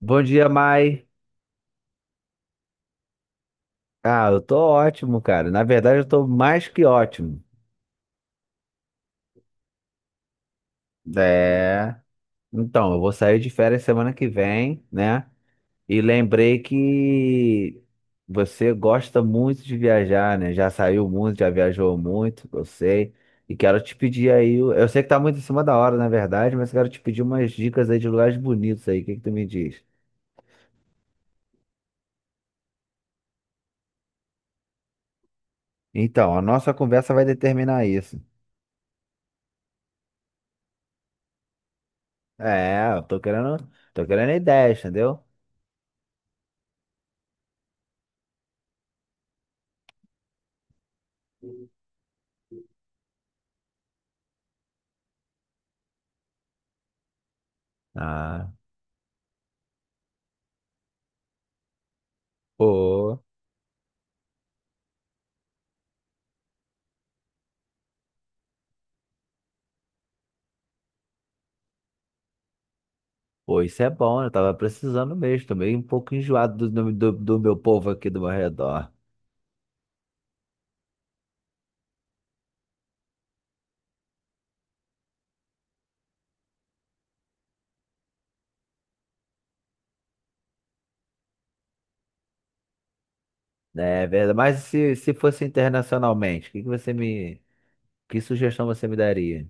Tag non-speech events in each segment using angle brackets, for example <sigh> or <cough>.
Bom dia, Mai. Eu tô ótimo, cara. Na verdade, eu tô mais que ótimo. É. Então, eu vou sair de férias semana que vem, né? E lembrei que você gosta muito de viajar, né? Já saiu muito, já viajou muito, eu sei. E quero te pedir aí. Eu sei que tá muito em cima da hora, na verdade, mas quero te pedir umas dicas aí de lugares bonitos aí. O que que tu me diz? Então, a nossa conversa vai determinar isso. É, eu tô querendo ideias, entendeu? Ah. Pô, pô, isso é bom, eu tava precisando mesmo, tô meio um pouco enjoado do meu povo aqui do meu redor. É verdade, mas se fosse internacionalmente, o que que você me, que sugestão você me daria?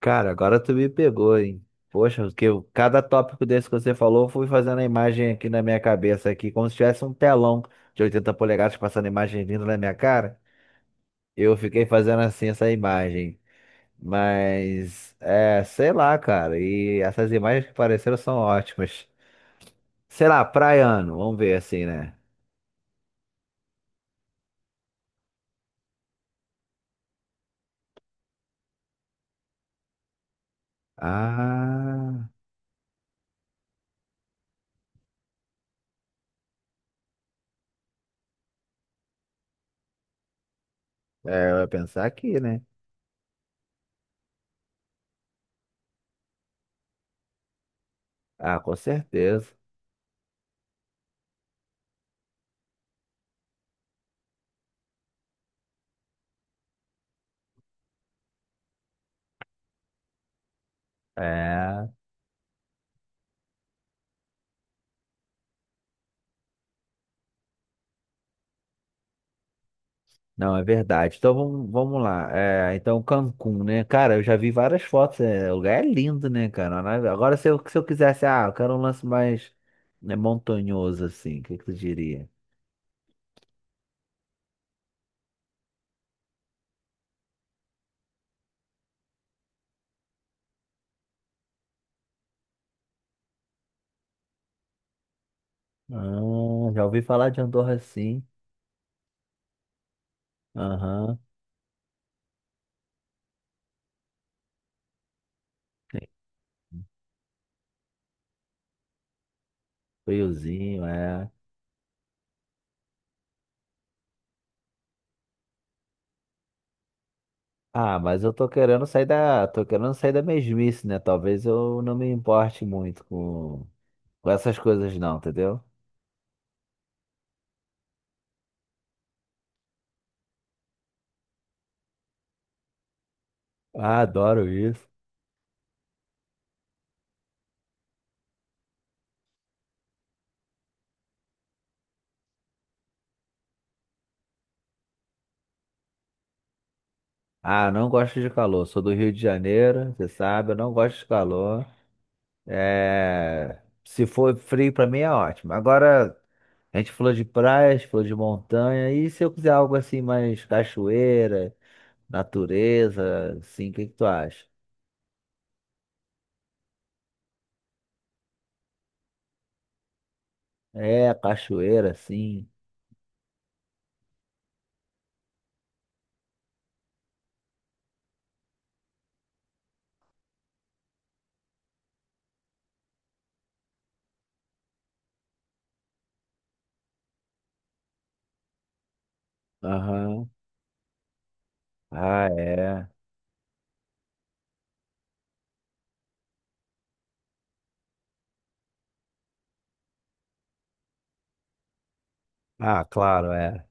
Cara, agora tu me pegou, hein? Poxa, porque cada tópico desse que você falou, eu fui fazendo a imagem aqui na minha cabeça aqui, como se tivesse um telão de 80 polegadas passando a imagem vindo na minha cara. Eu fiquei fazendo assim essa imagem. Mas, é, sei lá, cara. E essas imagens que apareceram são ótimas. Sei lá, praiano, vamos ver assim, né? Ah, é, eu ia pensar aqui, né? Ah, com certeza. É, não, é verdade. Então vamos lá. É, então Cancún, né? Cara, eu já vi várias fotos. É, o lugar é lindo, né, cara? Agora, se eu quisesse, ah, eu quero um lance mais, né, montanhoso, assim, o que que tu diria? Ah, já ouvi falar de Andorra, sim. Aham. Friozinho, é. Ah, mas eu tô querendo sair da, tô querendo sair da mesmice, né? Talvez eu não me importe muito com essas coisas não, entendeu? Ah, adoro isso. Ah, não gosto de calor. Sou do Rio de Janeiro, você sabe, eu não gosto de calor. É, se for frio pra mim é ótimo. Agora, a gente falou de praias, falou de montanha, e se eu quiser algo assim mais cachoeira, natureza, assim, o que que tu acha? É, cachoeira, sim. Aham. Ah, é. Ah, claro, é.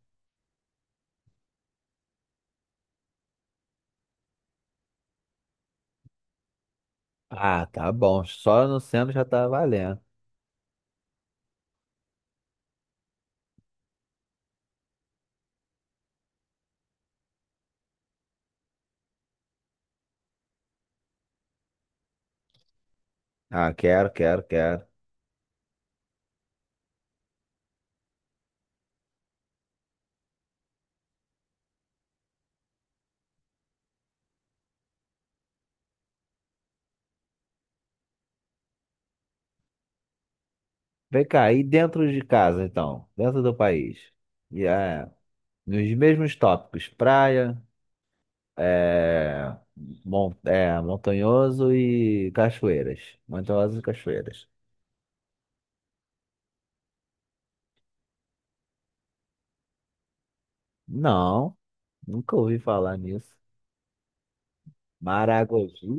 Ah, tá bom. Só no centro já tá valendo. Ah, quero, quero, quero. Vem cá, e dentro de casa, então? Dentro do país. E é, nos mesmos tópicos, praia, é, montanhoso e cachoeiras. Montanhosos e cachoeiras. Não, nunca ouvi falar nisso. Maragogi?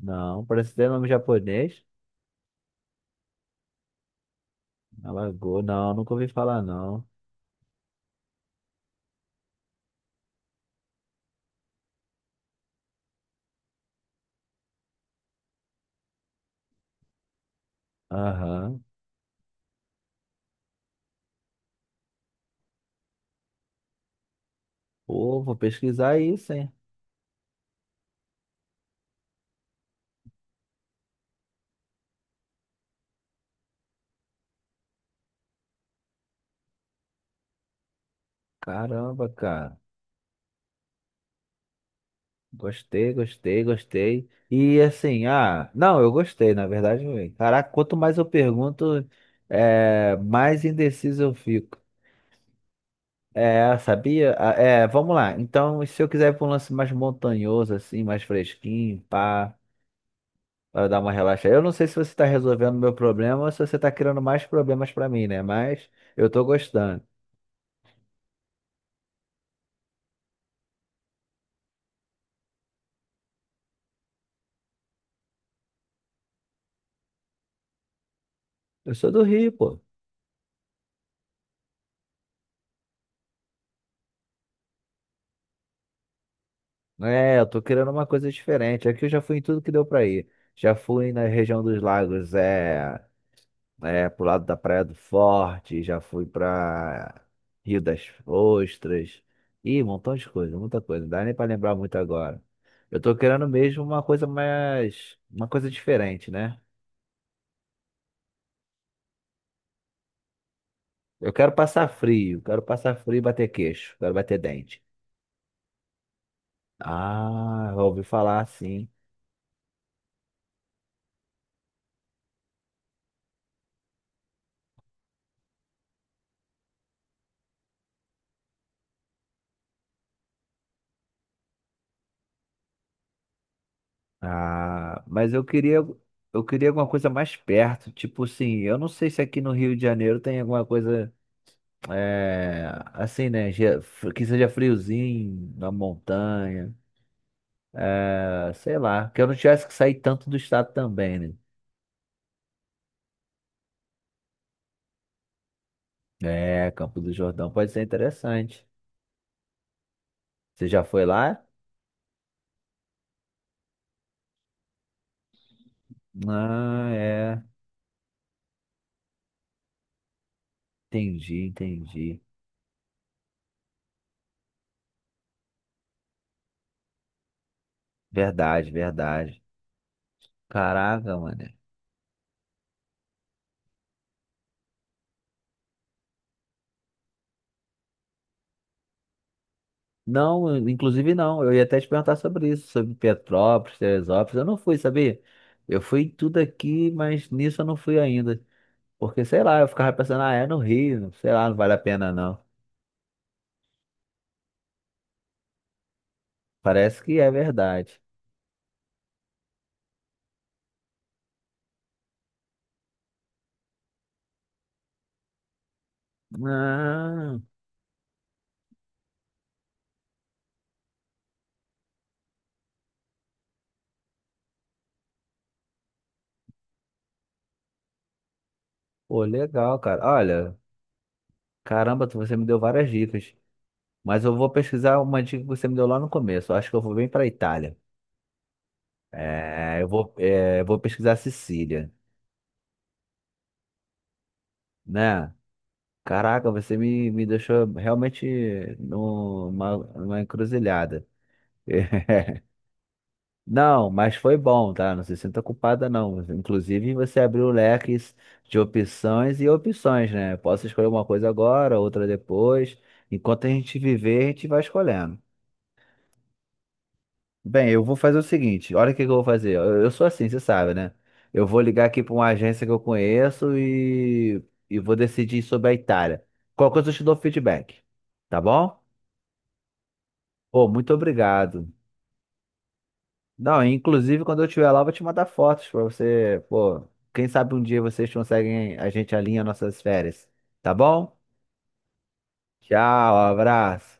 Não, parece ter nome japonês. Alagoas, não, nunca ouvi falar, não. Aham. Pô, vou pesquisar isso, hein? Caramba, cara. Gostei, gostei, gostei. E assim, ah, não, eu gostei, na verdade. Caraca, quanto mais eu pergunto, é, mais indeciso eu fico. É, sabia? Ah, é, vamos lá. Então, se eu quiser ir pra um lance mais montanhoso, assim, mais fresquinho, pá, para dar uma relaxada. Eu não sei se você tá resolvendo meu problema ou se você tá criando mais problemas pra mim, né? Mas eu tô gostando. Eu sou do Rio, pô. É, eu tô querendo uma coisa diferente. Aqui eu já fui em tudo que deu pra ir. Já fui na região dos lagos, é, é pro lado da Praia do Forte, já fui pra Rio das Ostras. Ih, um montão de coisa, muita coisa. Não dá nem pra lembrar muito agora. Eu tô querendo mesmo uma coisa mais, uma coisa diferente, né? Eu quero passar frio e bater queixo, quero bater dente. Ah, eu ouvi falar sim. Ah, mas eu queria alguma coisa mais perto, tipo assim, eu não sei se aqui no Rio de Janeiro tem alguma coisa é, assim, né, que seja friozinho, na montanha, ah, sei lá, que eu não tivesse que sair tanto do estado também, né? É, Campo do Jordão pode ser interessante. Você já foi lá? Ah, é, entendi, entendi. Verdade, verdade. Caraca, mano. Não, inclusive não. Eu ia até te perguntar sobre isso, sobre Petrópolis, Teresópolis. Eu não fui, sabia? Eu fui em tudo aqui, mas nisso eu não fui ainda. Porque, sei lá, eu ficava pensando, ah, é no Rio, sei lá, não vale a pena não. Parece que é verdade. Ah, pô, legal, cara. Olha, caramba, você me deu várias dicas. Mas eu vou pesquisar uma dica que você me deu lá no começo. Eu acho que eu vou bem pra Itália. Eu vou pesquisar Sicília, né? Caraca, você me deixou realmente numa encruzilhada. <laughs> Não, mas foi bom, tá? Não se sinta culpada, não. Inclusive, você abriu leques de opções e opções, né? Posso escolher uma coisa agora, outra depois. Enquanto a gente viver, a gente vai escolhendo. Bem, eu vou fazer o seguinte: olha o que que eu vou fazer. Eu sou assim, você sabe, né? Eu vou ligar aqui para uma agência que eu conheço e vou decidir sobre a Itália. Qualquer coisa eu te dou feedback, tá bom? Pô, muito obrigado. Não, inclusive quando eu estiver lá, eu vou te mandar fotos pra você. Pô, quem sabe um dia vocês conseguem, a gente alinha nossas férias. Tá bom? Tchau, abraço.